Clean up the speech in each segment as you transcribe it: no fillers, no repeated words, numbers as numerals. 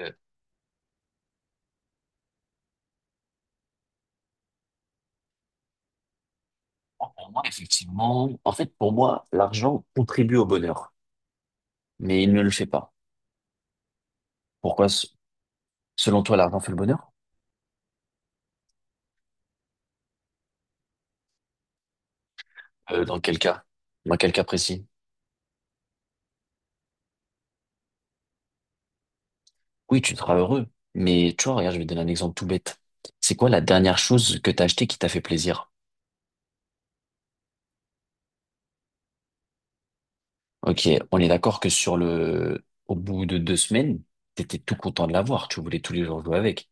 Euh, pour moi, effectivement, en fait, pour moi, l'argent contribue au bonheur, mais il ne le fait pas. Pourquoi, selon toi, l'argent fait le bonheur? Dans quel cas? Dans quel cas précis? Oui, tu seras heureux, mais tu vois, regarde, je vais te donner un exemple tout bête. C'est quoi la dernière chose que t'as achetée qui t'a fait plaisir? Ok, on est d'accord que sur le, au bout de 2 semaines, t'étais tout content de l'avoir, tu voulais tous les jours jouer avec.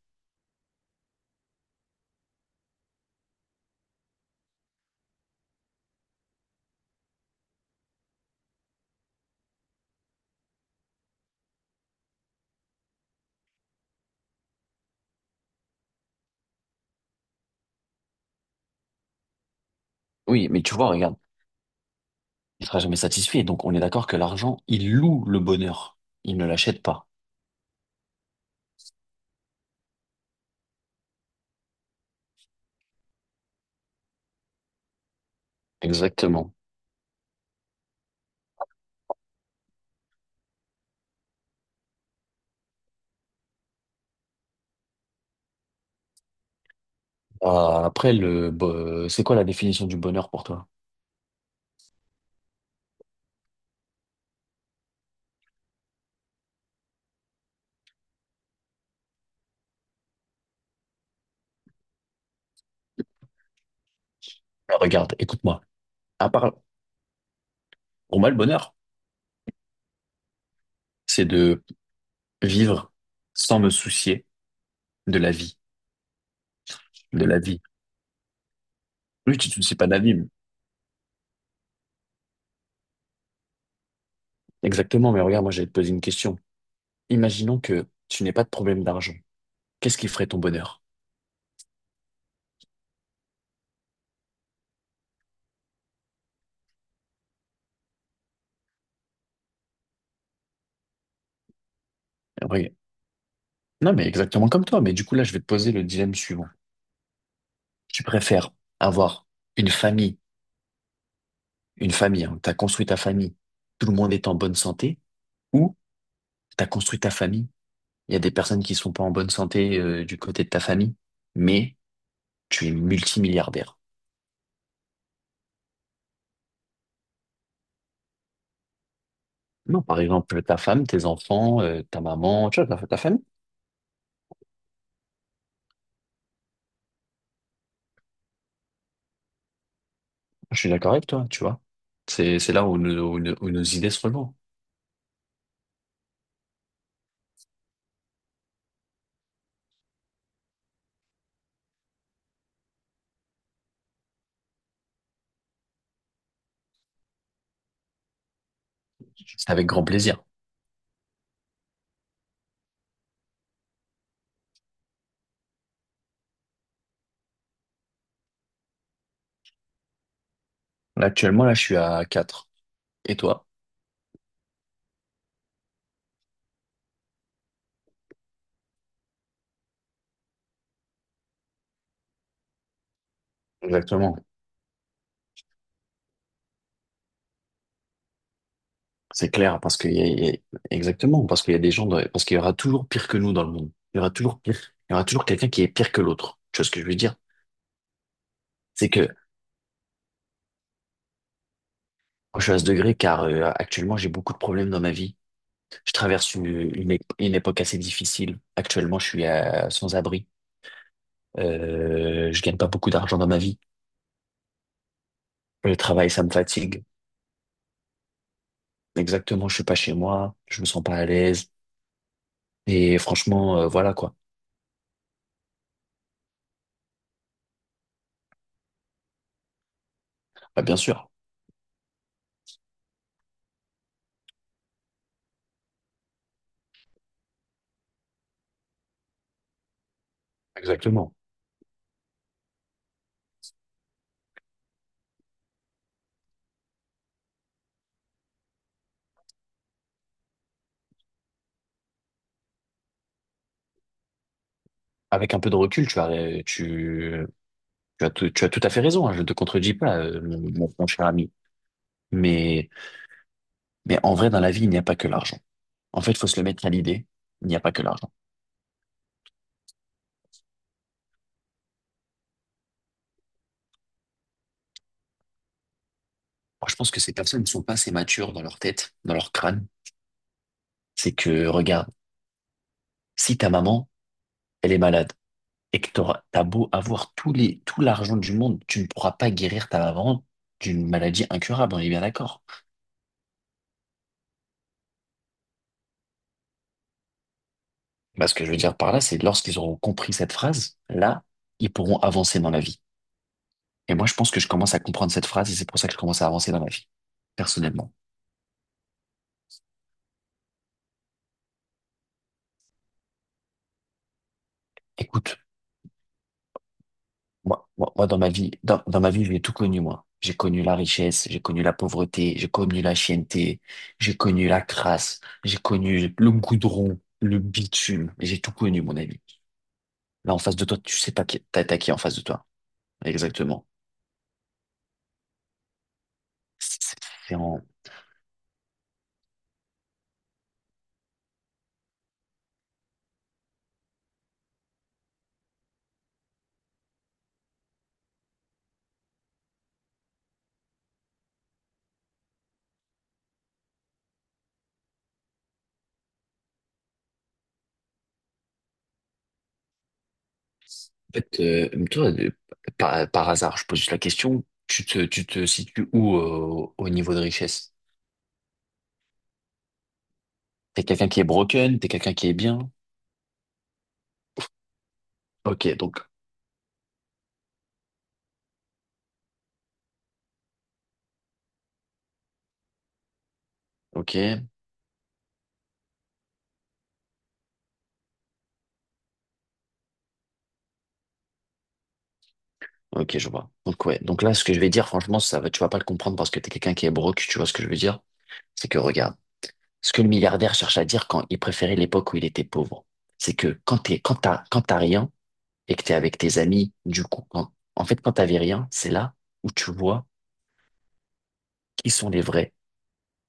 Oui, mais tu vois, regarde, il sera jamais satisfait, donc on est d'accord que l'argent, il loue le bonheur, il ne l'achète pas. Exactement. Ah, après, c'est quoi la définition du bonheur pour toi? Ah, regarde, écoute-moi. À part, pour moi, le bonheur, c'est de vivre sans me soucier de la vie, de la vie. Oui, tu ne te soucies pas de la vie, mais- exactement, mais regarde, moi, j'allais te poser une question. Imaginons que tu n'aies pas de problème d'argent. Qu'est-ce qui ferait ton bonheur? Oui. Non, mais exactement comme toi. Mais du coup, là, je vais te poser le dilemme suivant. Tu préfères avoir une famille, hein, t'as construit ta famille, tout le monde est en bonne santé, ou t'as construit ta famille, il y a des personnes qui sont pas en bonne santé du côté de ta famille, mais tu es multimilliardaire. Non, par exemple, ta femme, tes enfants, ta maman, tu vois, ta famille. Je suis d'accord avec toi, tu vois. C'est là où nos idées se rejoignent. C'est avec grand plaisir. Là, actuellement, là, je suis à 4. Et toi? Exactement. C'est clair, parce qu'il y a, il y a- exactement, parce qu'il y a des gens, parce qu'il y aura toujours pire que nous dans le monde. Il y aura toujours pire. Il y aura toujours quelqu'un qui est pire que l'autre. Tu vois ce que je veux dire? C'est que moi, je suis à ce degré car actuellement j'ai beaucoup de problèmes dans ma vie. Je traverse une époque assez difficile. Actuellement, je suis sans abri. Je gagne pas beaucoup d'argent dans ma vie. Le travail, ça me fatigue. Exactement, je suis pas chez moi. Je me sens pas à l'aise. Et franchement, voilà quoi. Bah, bien sûr. Exactement. Avec un peu de recul, tu, tu as tout, tu as tout à fait raison, hein, je ne te contredis pas, mon cher ami. Mais, mais en vrai, dans la vie, il n'y a pas que l'argent. En fait, il faut se le mettre à l'idée, il n'y a pas que l'argent. Moi, je pense que ces personnes ne sont pas assez matures dans leur tête, dans leur crâne. C'est que, regarde, si ta maman, elle est malade, et que t'as beau avoir tout l'argent du monde, tu ne pourras pas guérir ta maman d'une maladie incurable, on est bien d'accord. Bah, ce que je veux dire par là, c'est lorsqu'ils auront compris cette phrase, là, ils pourront avancer dans la vie. Et moi, je pense que je commence à comprendre cette phrase et c'est pour ça que je commence à avancer dans la vie, personnellement. Écoute, moi, dans ma vie, dans ma vie, j'ai tout connu, moi. J'ai connu la richesse, j'ai connu la pauvreté, j'ai connu la chienneté, j'ai connu la crasse, j'ai connu le goudron, le bitume. J'ai tout connu, mon ami. Là, en face de toi, tu sais pas qui, t'as qui en face de toi. Exactement. C'est c'est- En fait, toi, par hasard, je pose juste la question, tu te situes où au niveau de richesse? T'es quelqu'un qui est broken, t'es quelqu'un qui est bien? Ok, donc, ok, ok, je vois. Donc, ouais, donc là, ce que je vais dire, franchement, ça va, tu vas pas le comprendre parce que t'es quelqu'un qui est broke, tu vois ce que je veux dire? C'est que, regarde, ce que le milliardaire cherche à dire quand il préférait l'époque où il était pauvre, c'est que quand t'as rien et que t'es avec tes amis, du coup, quand t'avais rien, c'est là où tu vois qui sont les vrais.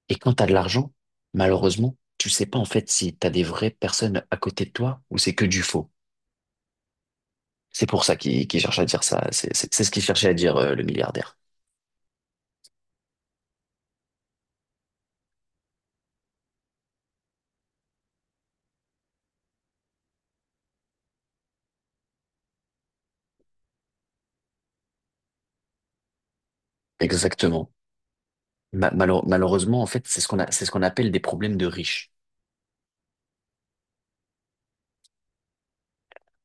Et quand tu as de l'argent, malheureusement, tu sais pas en fait si tu as des vraies personnes à côté de toi ou c'est que du faux. C'est pour ça qu'il cherche à dire ça. C'est ce qu'il cherchait à dire le milliardaire. Exactement. Malheureusement, en fait, c'est ce qu'on a, c'est ce qu'on appelle des problèmes de riches.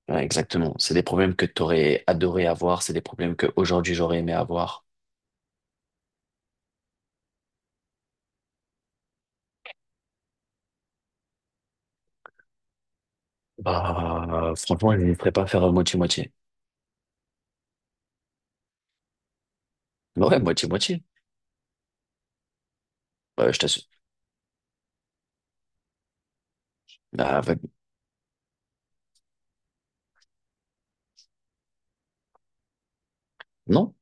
Ouais, exactement. C'est des problèmes que t'aurais adoré avoir, c'est des problèmes que aujourd'hui j'aurais aimé avoir. Bah, franchement, je ne ferais pas faire moitié-moitié. Bah ouais, moitié-moitié. Bah, je t'assure. Bah, avec- non,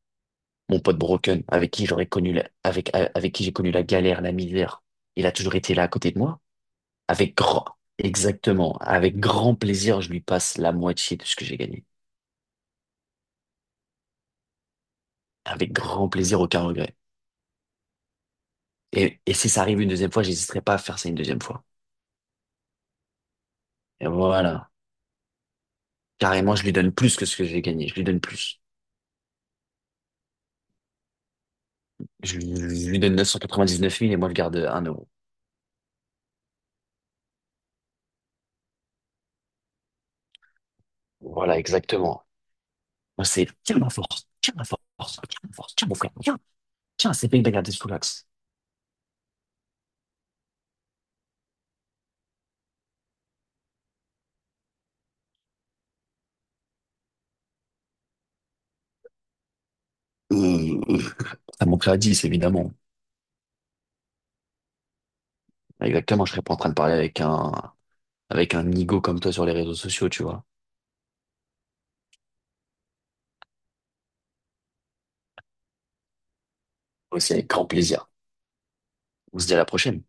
mon pote Broken, avec, avec qui j'ai connu la galère, la misère, il a toujours été là à côté de moi. Avec grand, exactement, avec grand plaisir, je lui passe la moitié de ce que j'ai gagné. Avec grand plaisir, aucun regret. Et si ça arrive une deuxième fois, j'hésiterai pas à faire ça une deuxième fois. Et voilà. Carrément, je lui donne plus que ce que j'ai gagné. Je lui donne plus. Je lui, je lui donne 999 000 et moi, je garde 1 euro. Voilà, exactement. Moi, c'est tiens ma force, tiens ma force, tiens mon frère, tiens, c'est bien de garder sous l'axe. Euh, euh, Ça, mon frère 10, évidemment. Exactement, je serais pas en train de parler avec un nigo comme toi sur les réseaux sociaux, tu vois. Aussi, avec grand plaisir. On se dit à la prochaine.